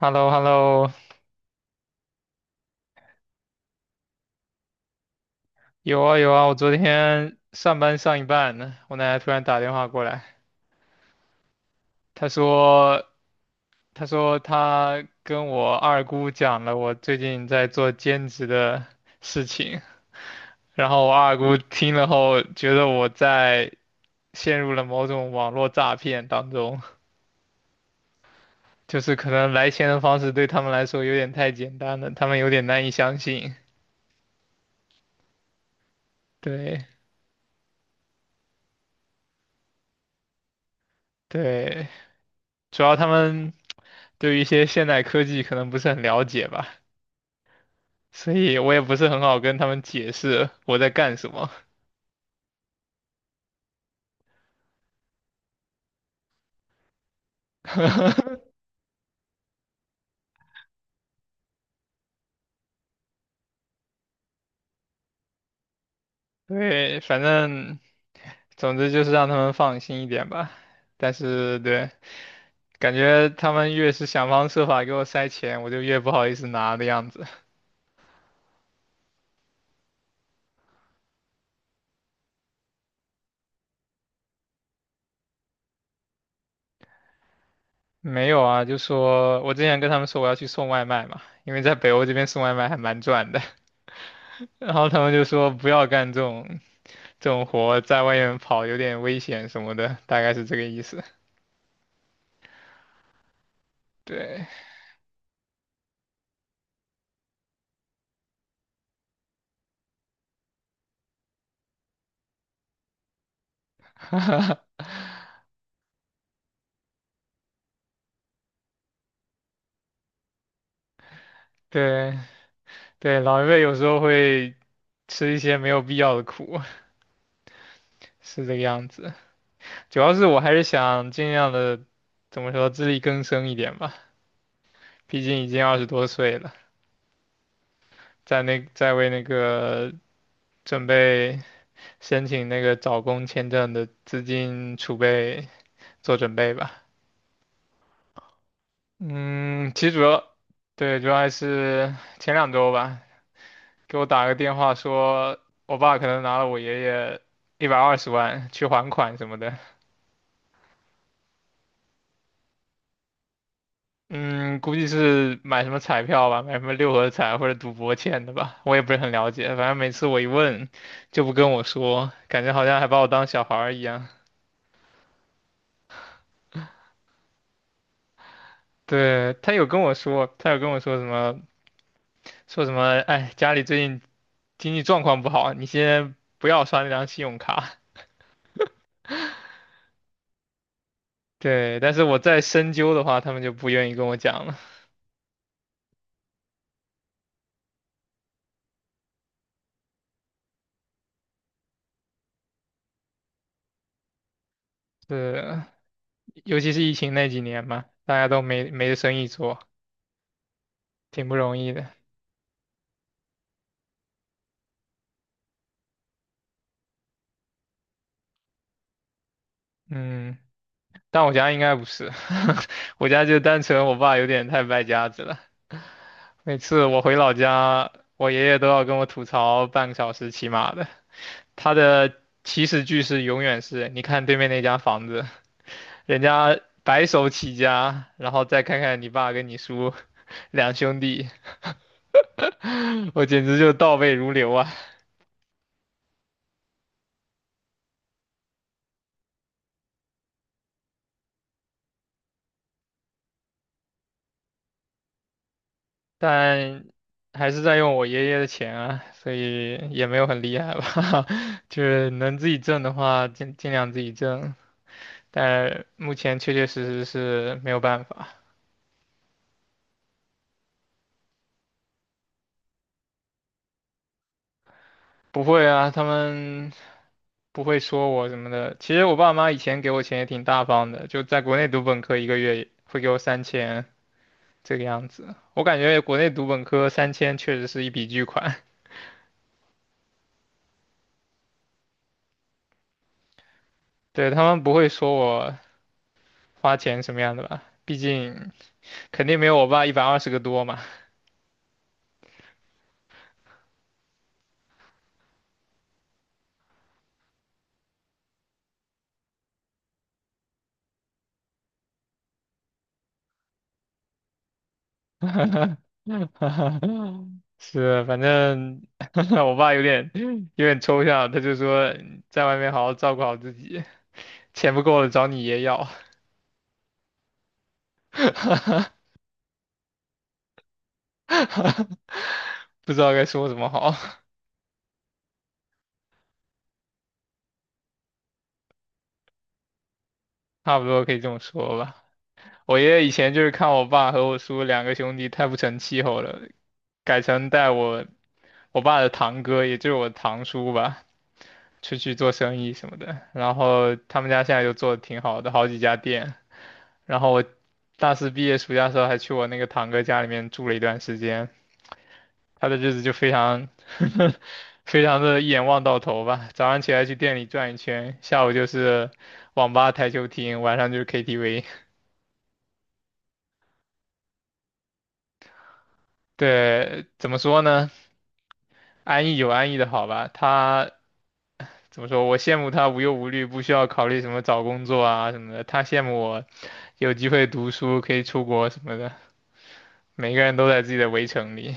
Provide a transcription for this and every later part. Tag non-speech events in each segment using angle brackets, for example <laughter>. h e l l o h e l l o 有啊有啊，我昨天上班上一半呢，我奶奶突然打电话过来，她说她跟我二姑讲了我最近在做兼职的事情，然后我二姑听了后觉得我在陷入了某种网络诈骗当中，就是可能来钱的方式对他们来说有点太简单了，他们有点难以相信。对对，主要他们对于一些现代科技可能不是很了解吧。所以我也不是很好跟他们解释我在干什么。<laughs> 对，反正总之就是让他们放心一点吧。但是对，感觉他们越是想方设法给我塞钱，我就越不好意思拿的样子。没有啊，就说我之前跟他们说我要去送外卖嘛，因为在北欧这边送外卖还蛮赚的。<laughs> 然后他们就说不要干这种活，在外面跑有点危险什么的，大概是这个意思。对对对，老一辈有时候会吃一些没有必要的苦，是这个样子。主要是我还是想尽量的，怎么说，自力更生一点吧。毕竟已经20多岁了，在那在为那个准备申请那个找工签证的资金储备做准备吧。嗯，其实主要对主要还是前两周吧，给我打个电话说，我爸可能拿了我爷爷120万去还款什么的。嗯，估计是买什么彩票吧，买什么六合彩或者赌博欠的吧，我也不是很了解。反正每次我一问，就不跟我说，感觉好像还把我当小孩儿一样。对，他有跟我说，什么，说什么，哎，家里最近经济状况不好，你先不要刷那张信用卡。对，但是我再深究的话，他们就不愿意跟我讲了。对，尤其是疫情那几年嘛，大家都没生意做，挺不容易的。嗯。但我家应该不是，<laughs> 我家就单纯我爸有点太败家子了。每次我回老家，我爷爷都要跟我吐槽半个小时起码的。他的起始句是永远是，你看对面那家房子，人家白手起家，然后再看看你爸跟你叔 <laughs> 两兄弟，<laughs> 我简直就倒背如流啊。但还是在用我爷爷的钱啊，所以也没有很厉害吧。<laughs> 就是能自己挣的话，尽量自己挣，但目前确实是没有办法。不会啊，他们不会说我什么的。其实我爸妈以前给我钱也挺大方的，就在国内读本科一个月也会给我三千这个样子。我感觉国内读本科三千确实是一笔巨款，<laughs> 对，他们不会说我花钱什么样的吧，毕竟。肯定没有我爸120个多嘛。<laughs> 是，反正 <laughs> 我爸有点抽象，他就说在外面好好照顾好自己，钱不够了找你爷要，不知道该说什么好，<laughs> 差不多可以这么说吧。我爷爷以前就是看我爸和我叔两个兄弟太不成气候了，改成带我爸的堂哥，也就是我堂叔吧，出去做生意什么的。然后他们家现在就做的挺好的，好几家店。然后我大四毕业暑假的时候还去我那个堂哥家里面住了一段时间，他的日子就非常 <laughs> 非常的一眼望到头吧。早上起来去店里转一圈，下午就是网吧、台球厅，晚上就是 KTV。对，怎么说呢？安逸有安逸的好吧。他怎么说？我羡慕他无忧无虑，不需要考虑什么找工作啊什么的。他羡慕我有机会读书，可以出国什么的。每个人都在自己的围城里。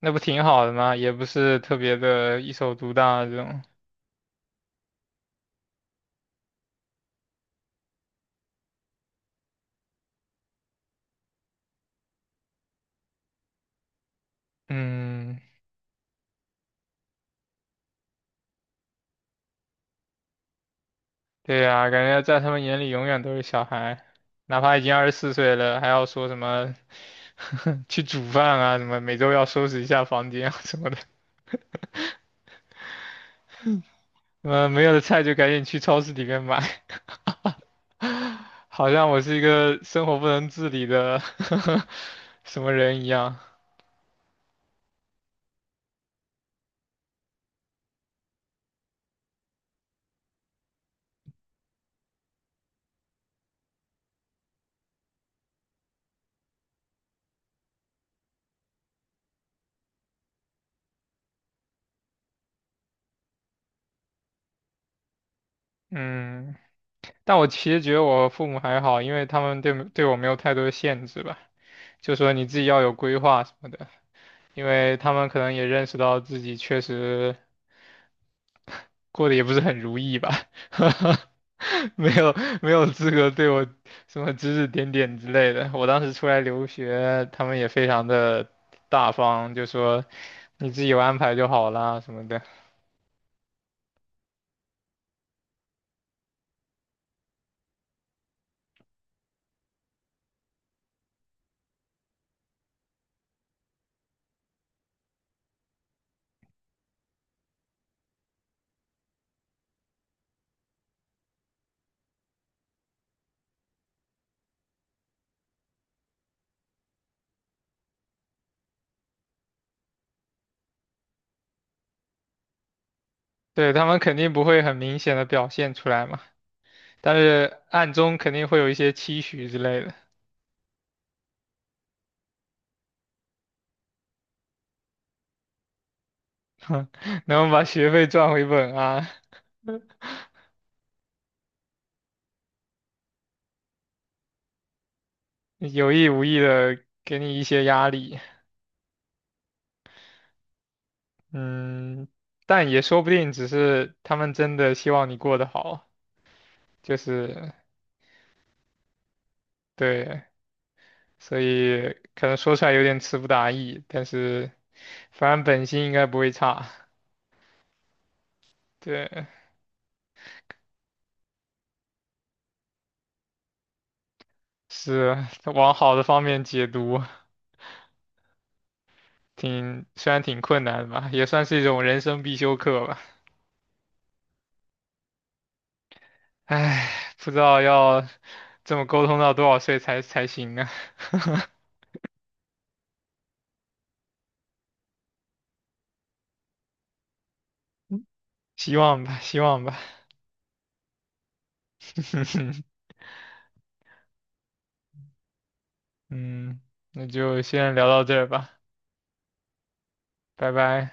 那不挺好的吗？也不是特别的一手独大这种。嗯，对呀，感觉在他们眼里永远都是小孩，哪怕已经24岁了，还要说什么 <laughs> 去煮饭啊，什么每周要收拾一下房间啊什么的，嗯，没有的菜就赶紧去超市里面买，<laughs> 好像我是一个生活不能自理的 <laughs> 什么人一样。嗯，但我其实觉得我父母还好，因为他们对我没有太多的限制吧，就说你自己要有规划什么的，因为他们可能也认识到自己确实过得也不是很如意吧，<laughs> 没有没有资格对我什么指指点点之类的。我当时出来留学，他们也非常的大方，就说你自己有安排就好啦什么的。对，他们肯定不会很明显的表现出来嘛，但是暗中肯定会有一些期许之类的。<laughs> 能把学费赚回本啊，有意无意的给你一些压力，嗯，但也说不定只是他们真的希望你过得好，就是对，所以可能说出来有点词不达意，但是反正本心应该不会差，对，是往好的方面解读，挺虽然挺困难的吧，也算是一种人生必修课吧。唉，不知道要这么沟通到多少岁才行呢？<laughs> 希望吧，希望吧。<laughs> 嗯，那就先聊到这儿吧，拜拜。